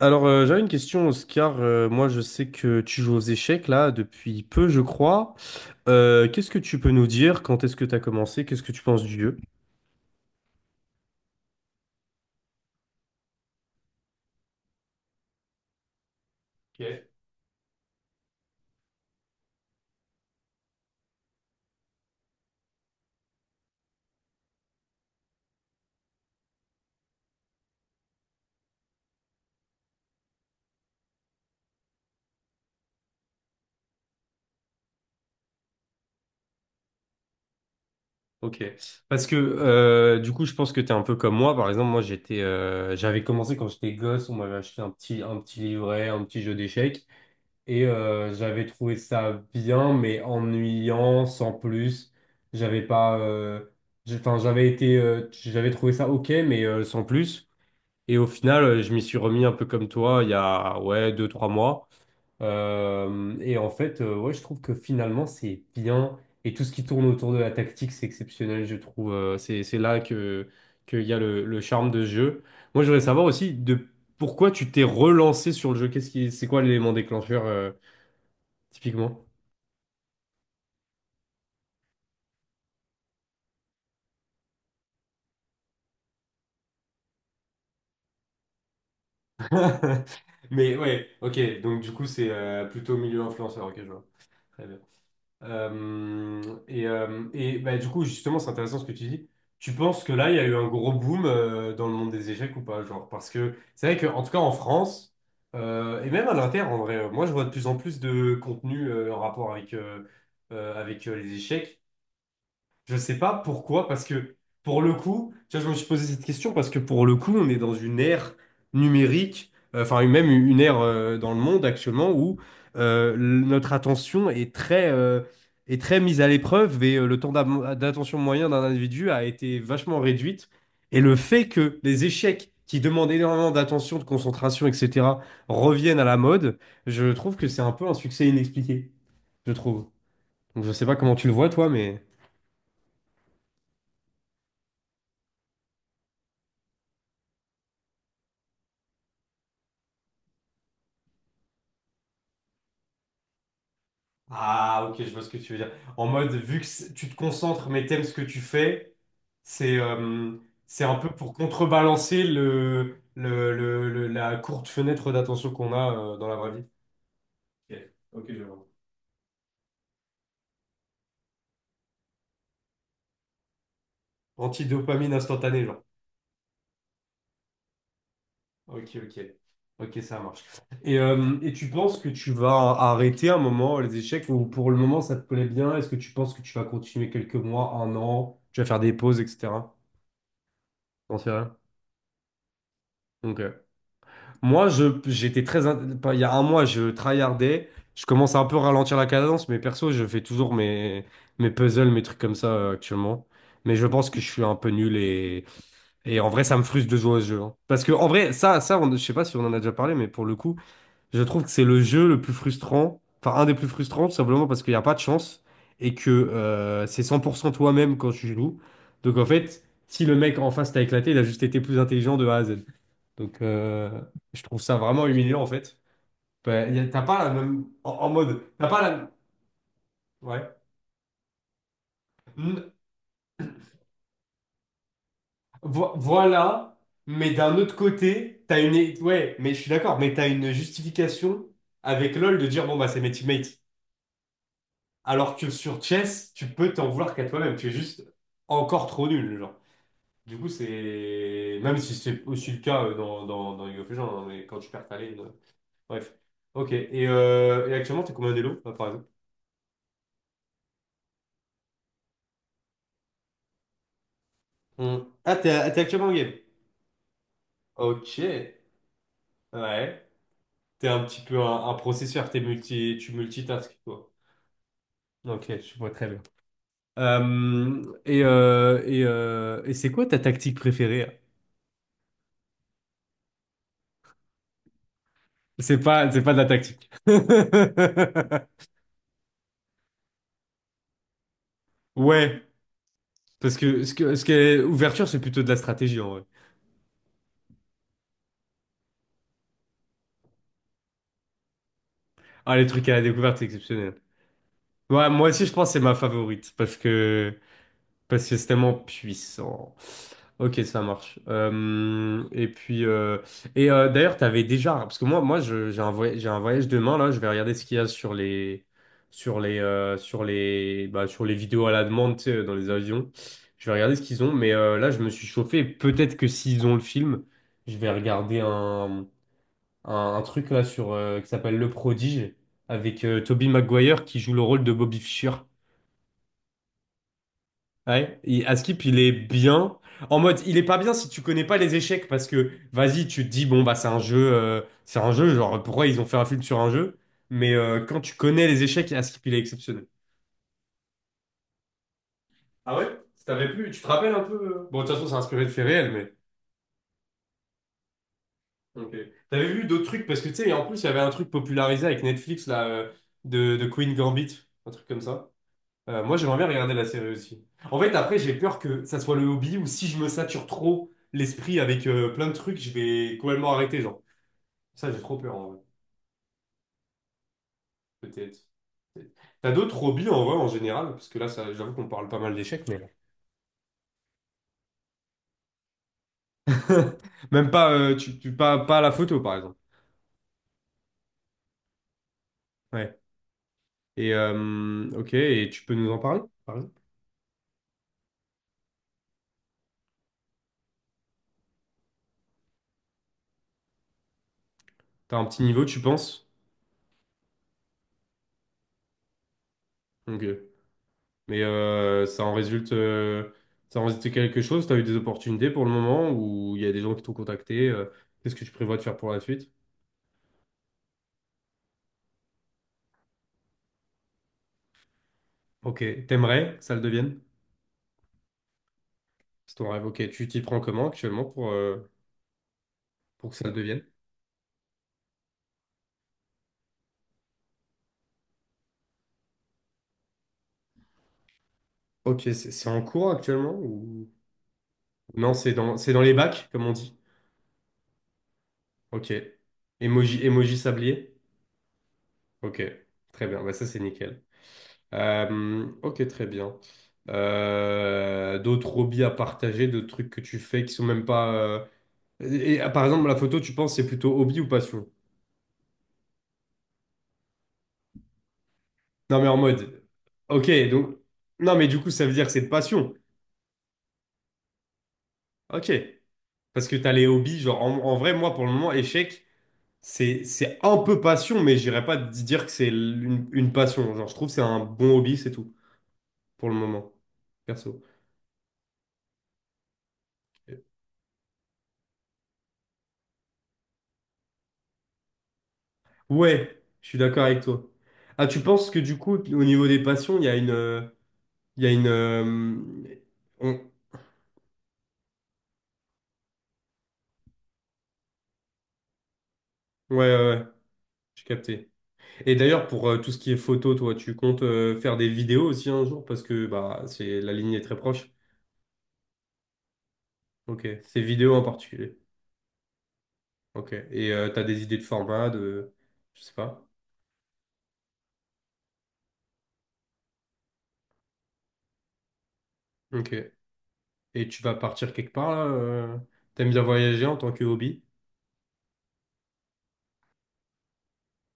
Alors, j'avais une question, Oscar. Moi, je sais que tu joues aux échecs, là, depuis peu, je crois. Qu'est-ce que tu peux nous dire? Quand est-ce que tu as commencé? Qu'est-ce que tu penses du jeu? Ok, ok. Parce que, du coup, je pense que tu es un peu comme moi. Par exemple, moi, j'avais commencé quand j'étais gosse. On m'avait acheté un petit livret, un petit jeu d'échecs. J'avais trouvé ça bien, mais ennuyant, sans plus. J'avais pas... j'ai- Enfin, J'avais été... J'avais trouvé ça OK, mais sans plus. Et au final, je m'y suis remis un peu comme toi il y a ouais, deux, trois mois. Ouais, je trouve que finalement, c'est bien. Et tout ce qui tourne autour de la tactique, c'est exceptionnel, je trouve. C'est là qu'il y a le charme de ce jeu. Moi, je voudrais savoir aussi de pourquoi tu t'es relancé sur le jeu. C'est quoi l'élément déclencheur, typiquement? Mais ouais, ok. Donc, du coup, c'est plutôt milieu influenceur, ok, je vois. Très bien. Euh, du coup, justement, c'est intéressant ce que tu dis. Tu penses que là, il y a eu un gros boom dans le monde des échecs ou pas? Genre, parce que c'est vrai que, en tout cas, en France, et même à l'inter, en vrai, moi, je vois de plus en plus de contenu en rapport avec, les échecs. Je sais pas pourquoi, parce que pour le coup, tu vois, je me suis posé cette question parce que pour le coup, on est dans une ère numérique, enfin même une ère dans le monde actuellement où euh, l- notre attention est est très mise à l'épreuve et le temps d'attention moyen d'un individu a été vachement réduite. Et le fait que les échecs qui demandent énormément d'attention, de concentration, etc., reviennent à la mode, je trouve que c'est un peu un succès inexpliqué, je trouve. Donc je sais pas comment tu le vois, toi, mais... Ah, ok, je vois ce que tu veux dire. En mode, vu que c'est- tu te concentres, mais t'aimes ce que tu fais, c'est euh, c'est un peu pour contrebalancer la courte fenêtre d'attention qu'on a dans la vraie vie. Ok, ok, je vois. Antidopamine instantanée, genre. Ok, ok. Ok, ça marche. Et tu penses que tu vas arrêter un moment les échecs ou pour le moment ça te plaît bien? Est-ce que tu penses que tu vas continuer quelques mois, un an? Tu vas faire des pauses, etc. T'en sais rien? Ok. Moi, j'étais très, in- pas- il y a un mois, je tryhardais. Je commence à un peu ralentir la cadence, mais perso, je fais toujours mes puzzles, mes trucs comme ça actuellement. Mais je pense que je suis un peu nul et en vrai, ça me frustre de jouer à ce jeu, hein. Parce que en vrai, je sais pas si on en a déjà parlé, mais pour le coup, je trouve que c'est le jeu le plus frustrant, enfin un des plus frustrants, tout simplement parce qu'il n'y a pas de chance et que c'est 100% toi-même quand tu joues. Donc en fait, si le mec en face t'a éclaté, il a juste été plus intelligent de A à Z. Donc, je trouve ça vraiment humiliant, en fait. T'as pas la même... En, en mode... T'as pas la... Ouais. Mm, voilà, mais d'un autre côté, Ouais, mais je suis d'accord, mais t'as une justification avec LoL de dire, bon, bah, c'est mes teammates. Alors que sur Chess, tu peux t'en vouloir qu'à toi-même. Tu es juste encore trop nul, genre. Du coup, c'est... Même si c'est aussi le cas dans League of Legends, hein, mais quand tu perds ta lane... Bref. Ok. Et actuellement, t'es combien d'élo, par exemple? Hmm. Ah, t'es actuellement en game. Ok. Ouais. T'es un petit peu un processeur, t'es multi, tu multitasques, quoi. Ok, je vois très bien. Et c'est quoi ta tactique préférée, hein? C'est pas de la tactique. Ouais, parce que ce qui est ouverture, c'est plutôt de la stratégie, en vrai. Ah, les trucs à la découverte, c'est exceptionnel. Ouais, moi aussi, je pense que c'est ma favorite, parce que c'est tellement puissant. Ok, ça marche. Et puis, et D'ailleurs, t'avais déjà, parce que j'ai un voyage demain là. Je vais regarder ce qu'il y a sur les vidéos à la demande, tu sais, dans les avions. Je vais regarder ce qu'ils ont. Mais là, je me suis chauffé. Peut-être que s'ils ont le film, je vais regarder un truc là sur qui s'appelle Le Prodige avec Toby Maguire qui joue le rôle de Bobby Fischer. Ouais, et Askip, il est bien. En mode, il est pas bien si tu connais pas les échecs parce que, vas-y, tu te dis, bon, bah, c'est un jeu, genre, pourquoi ils ont fait un film sur un jeu? Mais quand tu connais les échecs, Askip, il est exceptionnel. Ah ouais? T'avais plus, tu te rappelles un peu, euh? Bon, de toute façon, c'est inspiré de faits réels, mais. Ok. T'avais vu d'autres trucs parce que, tu sais, en plus, il y avait un truc popularisé avec Netflix, là, de Queen Gambit, un truc comme ça. Moi, j'aimerais bien regarder la série aussi. En fait, après, j'ai peur que ça soit le hobby ou si je me sature trop l'esprit avec plein de trucs, je vais complètement arrêter, genre. Ça, j'ai trop peur, en vrai. Peut-être. Peut-être. T'as d'autres hobbies, en vrai, en général? Parce que là, ça, j'avoue qu'on parle pas mal d'échecs, mais... Même pas, pas à la photo, par exemple. Ouais. Et, ok, et tu peux nous en parler, par exemple? T'as un petit niveau, tu penses? Ok. Mais ça en résulte quelque chose? Tu as eu des opportunités pour le moment où il y a des gens qui t'ont contacté, qu'est-ce que tu prévois de faire pour la suite? Ok, t'aimerais que ça le devienne? C'est ton rêve. Ok, tu t'y prends comment actuellement pour que ça le devienne? Ok, c'est en cours actuellement ou... Non, c'est c'est dans les bacs, comme on dit. Ok. Emoji, emoji sablier? Ok, très bien. Bah, ça, c'est nickel. Ok, très bien. D'autres hobbies à partager, d'autres trucs que tu fais qui sont même pas... et, par exemple, la photo, tu penses c'est plutôt hobby ou passion? Non, mais en mode, ok, donc, non, mais du coup, ça veut dire que c'est de passion. Ok. Parce que t'as les hobbies, genre, en, en vrai, moi, pour le moment, échec, c'est un peu passion, mais j'irais pas dire que c'est une passion. Genre, je trouve que c'est un bon hobby, c'est tout, pour le moment, perso. Ouais, je suis d'accord avec toi. Ah, tu penses que du coup, au niveau des passions, il y a une, il y a une, on- ouais, ouais, ouais, j'ai capté. Et d'ailleurs, pour tout ce qui est photo, toi, tu comptes faire des vidéos aussi un jour parce que bah c'est la ligne est très proche. Ok, c'est vidéo en particulier. Ok. Et t'as des idées de format, de je sais pas. Ok. Et tu vas partir quelque part là, t'aimes bien voyager en tant que hobby?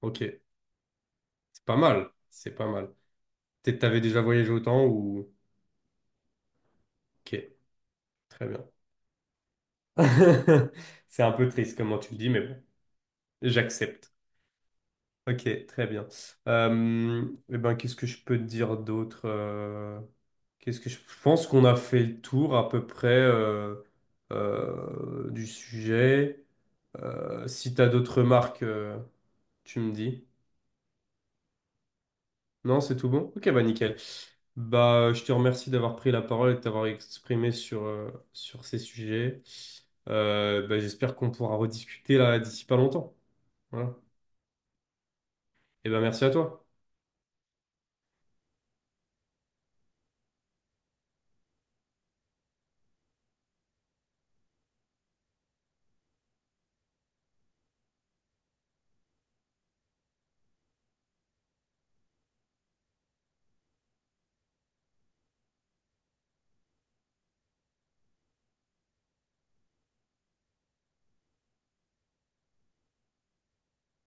Ok. C'est pas mal. C'est pas mal. Peut-être t'avais déjà voyagé autant ou. Ok. Très bien. C'est un peu triste comment tu le dis, mais bon, j'accepte. Ok, très bien. Euh, eh ben, qu'est-ce que je peux te dire d'autre, qu'est-ce que je pense qu'on a fait le tour à peu près du sujet. Si tu as d'autres remarques, tu me dis. Non, c'est tout bon? Ok, bah nickel. Bah, je te remercie d'avoir pris la parole et de t'avoir exprimé sur, sur ces sujets. Bah, j'espère qu'on pourra rediscuter là d'ici pas longtemps. Voilà. Et ben merci à toi.